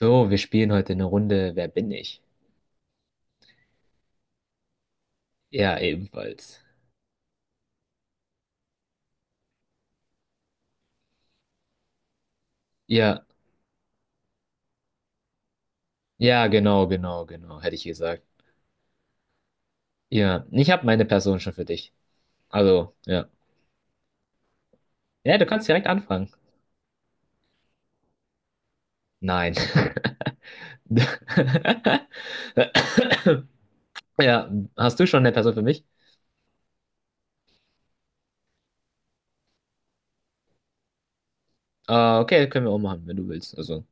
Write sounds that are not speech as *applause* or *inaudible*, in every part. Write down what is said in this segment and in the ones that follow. So, wir spielen heute eine Runde Wer bin ich? Ja, ebenfalls. Ja, ja, genau, genau, genau, hätte ich gesagt. Ja, ich habe meine Person schon für dich. Also, ja. Ja, du kannst direkt anfangen. Nein. *laughs* Ja, hast du schon eine Person für mich? Ah, okay, können wir auch machen, wenn du willst. Also,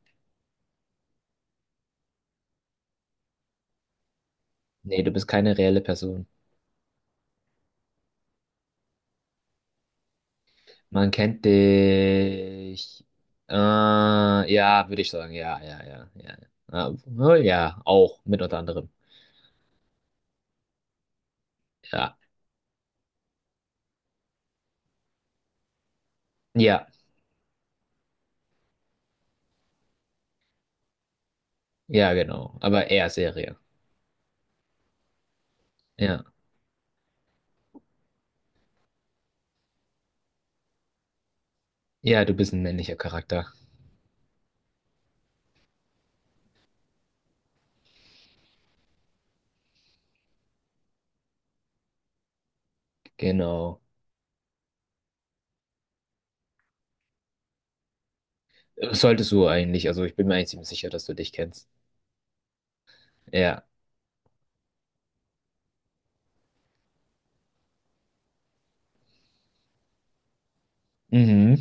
nee, du bist keine reelle Person. Man kennt dich. Äh, ja, würde ich sagen. Ja, ja, ja, ja. Ah, oh, ja, auch, mit unter anderem. Ja. Ja, ja, genau. Aber eher Serie. Ja. Ja, du bist ein männlicher Charakter. Genau. Solltest du eigentlich. Also ich bin mir eigentlich ziemlich sicher, dass du dich kennst. Ja. Mhm.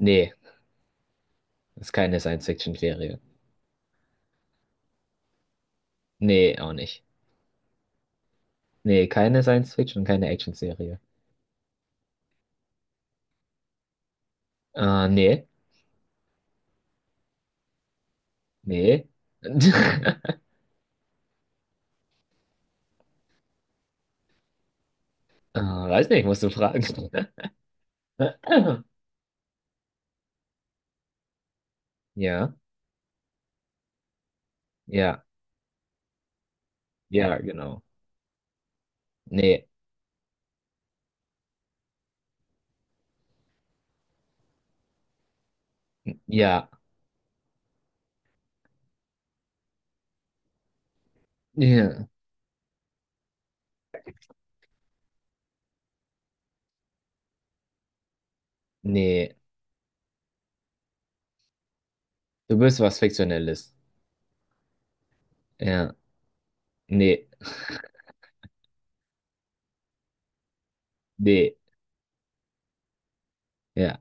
Nee, ist keine Science-Fiction-Serie. Nee, auch nicht. Nee, keine Science-Fiction, keine Action-Serie. Nee. Nee. *laughs* Weiß nicht, musst du fragen. *laughs* Ja. Ja. Ja, genau. Nee. Ja. Ja. Nee. Du bist was Fiktionelles. Ja. Nee. Nee, ja.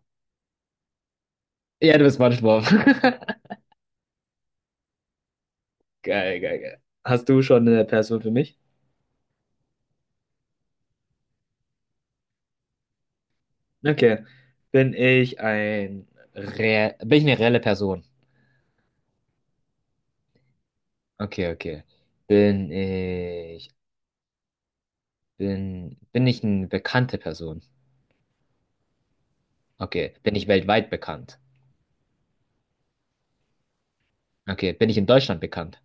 Ja, du bist Spongebob. *laughs* Geil, geil, geil. Hast du schon eine Person für mich? Okay. Bin ich ein bin ich eine reelle Person? Okay, okay. Bin ich bin ich eine bekannte Person? Okay. Bin ich weltweit bekannt? Okay. Bin ich in Deutschland bekannt?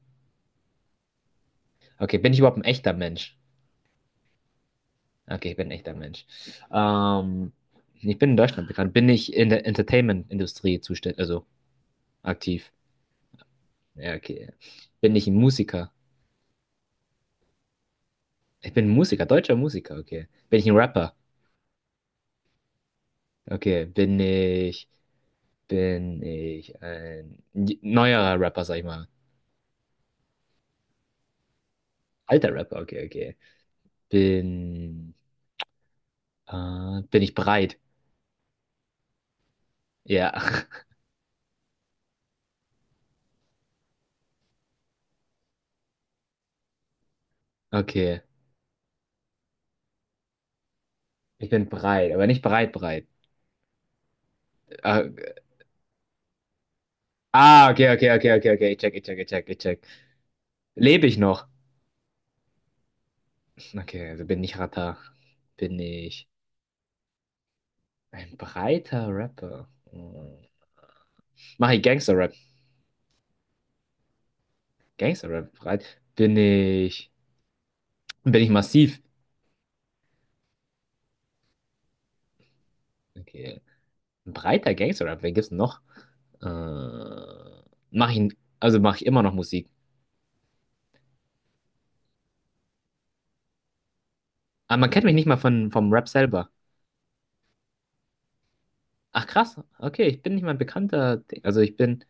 Okay. Bin ich überhaupt ein echter Mensch? Okay, ich bin ein echter Mensch. Ähm, ich bin in Deutschland bekannt. Bin ich in der Entertainment-Industrie zuständig, also aktiv? Ja, okay. Bin ich ein Musiker? Ich bin Musiker, deutscher Musiker, okay. Bin ich ein Rapper? Okay. Bin ich ein neuerer Rapper, sag ich mal. Alter Rapper, okay, okay. Bin, bin ich breit? Ja, *laughs* okay. Ich bin breit, aber nicht breit, breit. Äh, ah, okay, okay, okay, okay, okay. Ich check, ich check, ich check, ich check. Lebe ich noch? Okay, also bin ich Rapper. Bin ich ein breiter Rapper? Hm. Mache ich Gangster-Rap? Gangster-Rap breit? Bin ich. Und bin ich massiv? Okay. Ein breiter Gangster-Rap, wer gibt's denn noch? Äh, also mache ich immer noch Musik. Aber man kennt mich nicht mal von, vom Rap selber. Ach krass, okay, ich bin nicht mal ein bekannter. Ding. Also ich bin,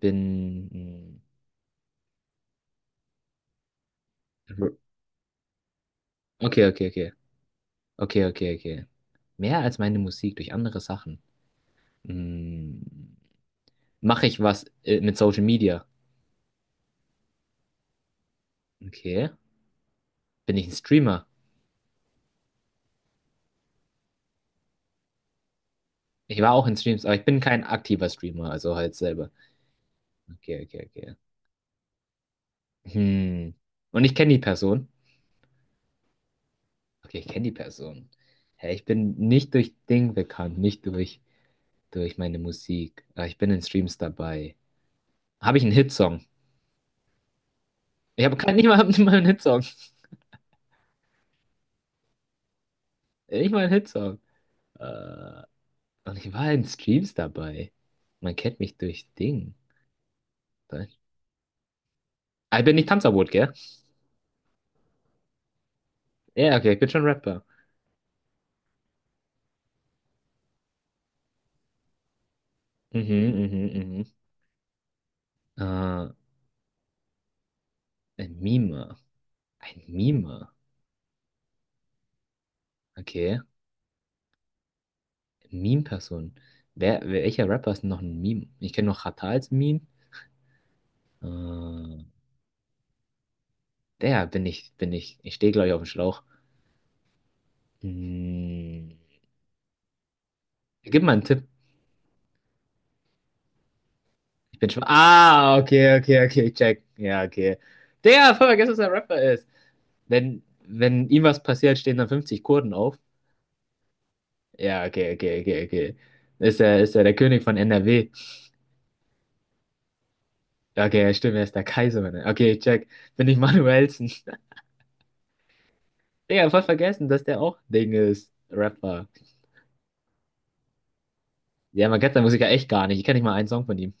bin. Hm, Okay, okay, okay. Okay, okay, okay. Mehr als meine Musik durch andere Sachen. Hm, mache ich was mit Social Media? Okay. Bin ich ein Streamer? Ich war auch in Streams, aber ich bin kein aktiver Streamer, also halt selber. Okay, okay, okay. Hm. Und ich kenne die Person. Okay, ich kenne die Person. Ja, ich bin nicht durch Ding bekannt, nicht durch, durch meine Musik. Aber ich bin in Streams dabei. Habe ich einen Hitsong? Ich habe keinen, nicht *laughs* mal einen Hitsong. Nicht mal einen Hitsong. Äh, und ich war in Streams dabei. Man kennt mich durch Ding. Was? Ah, ich bin nicht Tanzverbot, gell? Ja, okay, ich bin schon Rapper. Mhm, mhm, mhm. Äh, ein Meme. Ein Meme. Okay. Meme-Person. Welcher Rapper ist denn noch ein Meme? Ich kenne noch Xatar als Meme. Äh, der bin ich. Ich stehe, glaube ich, auf dem Schlauch. Hm, gib mal einen Tipp. Ich bin schon. Ah, okay, okay, okay, check. Ja, okay. Der, voll vergessen, dass er Rapper ist. Wenn ihm was passiert, stehen dann 50 Kurden auf. Ja, okay, okay, okay, okay. Ist er der König von NRW? Okay, ja, stimmt, er ist der Kaiser. Mann. Okay, check. Bin ich Manuelsen. *laughs* Digga, voll vergessen, dass der auch Ding ist. Rapper. Ja, man kennt seinen Musiker echt gar nicht. Ich kenne nicht mal einen Song von ihm.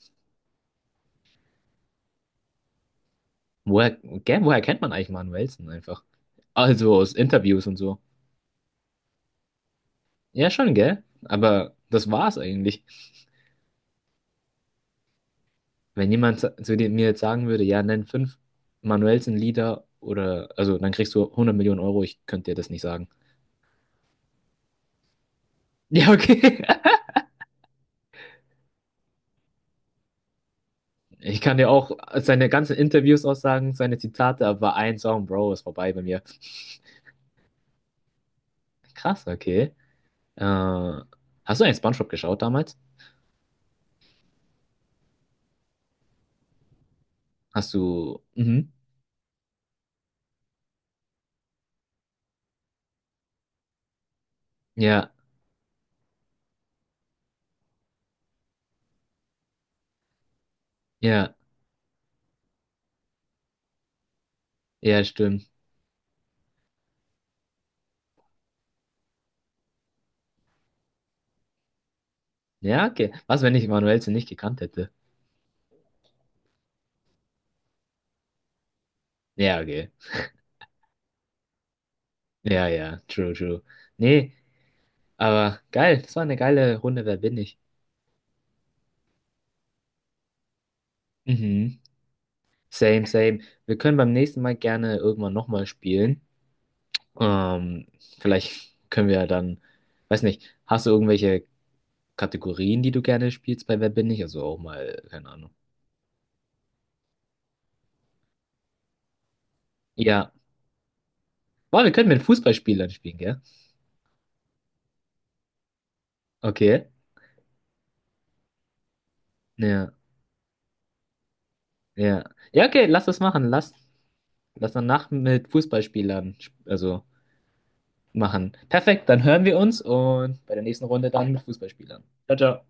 Woher, gell, woher kennt man eigentlich Manuel Wilson einfach? Also aus Interviews und so. Ja, schon, gell? Aber das war's eigentlich. Wenn jemand zu mir jetzt sagen würde, ja, nenn fünf Manuelsen-Lieder oder, also dann kriegst du 100 Millionen Euro, ich könnte dir das nicht sagen. Ja, okay. *laughs* Ich kann dir auch seine ganzen Interviews aussagen, seine Zitate, aber ein Song, Bro, ist vorbei bei mir. Krass, okay. Äh, hast du eigentlich SpongeBob geschaut damals? Hast du, mhm. Ja. Ja, Ja, stimmt. Ja, okay. Was, wenn ich Manuelsen nicht gekannt hätte? Ja, okay. Ja, ja, true, true. Nee, aber geil. Das war eine geile Runde. Wer bin ich? Mhm. Same, same. Wir können beim nächsten Mal gerne irgendwann nochmal spielen. Ähm, vielleicht können wir dann, weiß nicht, hast du irgendwelche Kategorien, die du gerne spielst bei Wer bin ich? Also auch mal, keine Ahnung. Ja. Boah, wir können mit Fußballspielern spielen, gell? Okay. Ja, ja. Ja, okay, lass das machen. Lass. Das danach mit Fußballspielern also machen. Perfekt, dann hören wir uns und bei der nächsten Runde dann mit Fußballspielern. Ciao, ciao.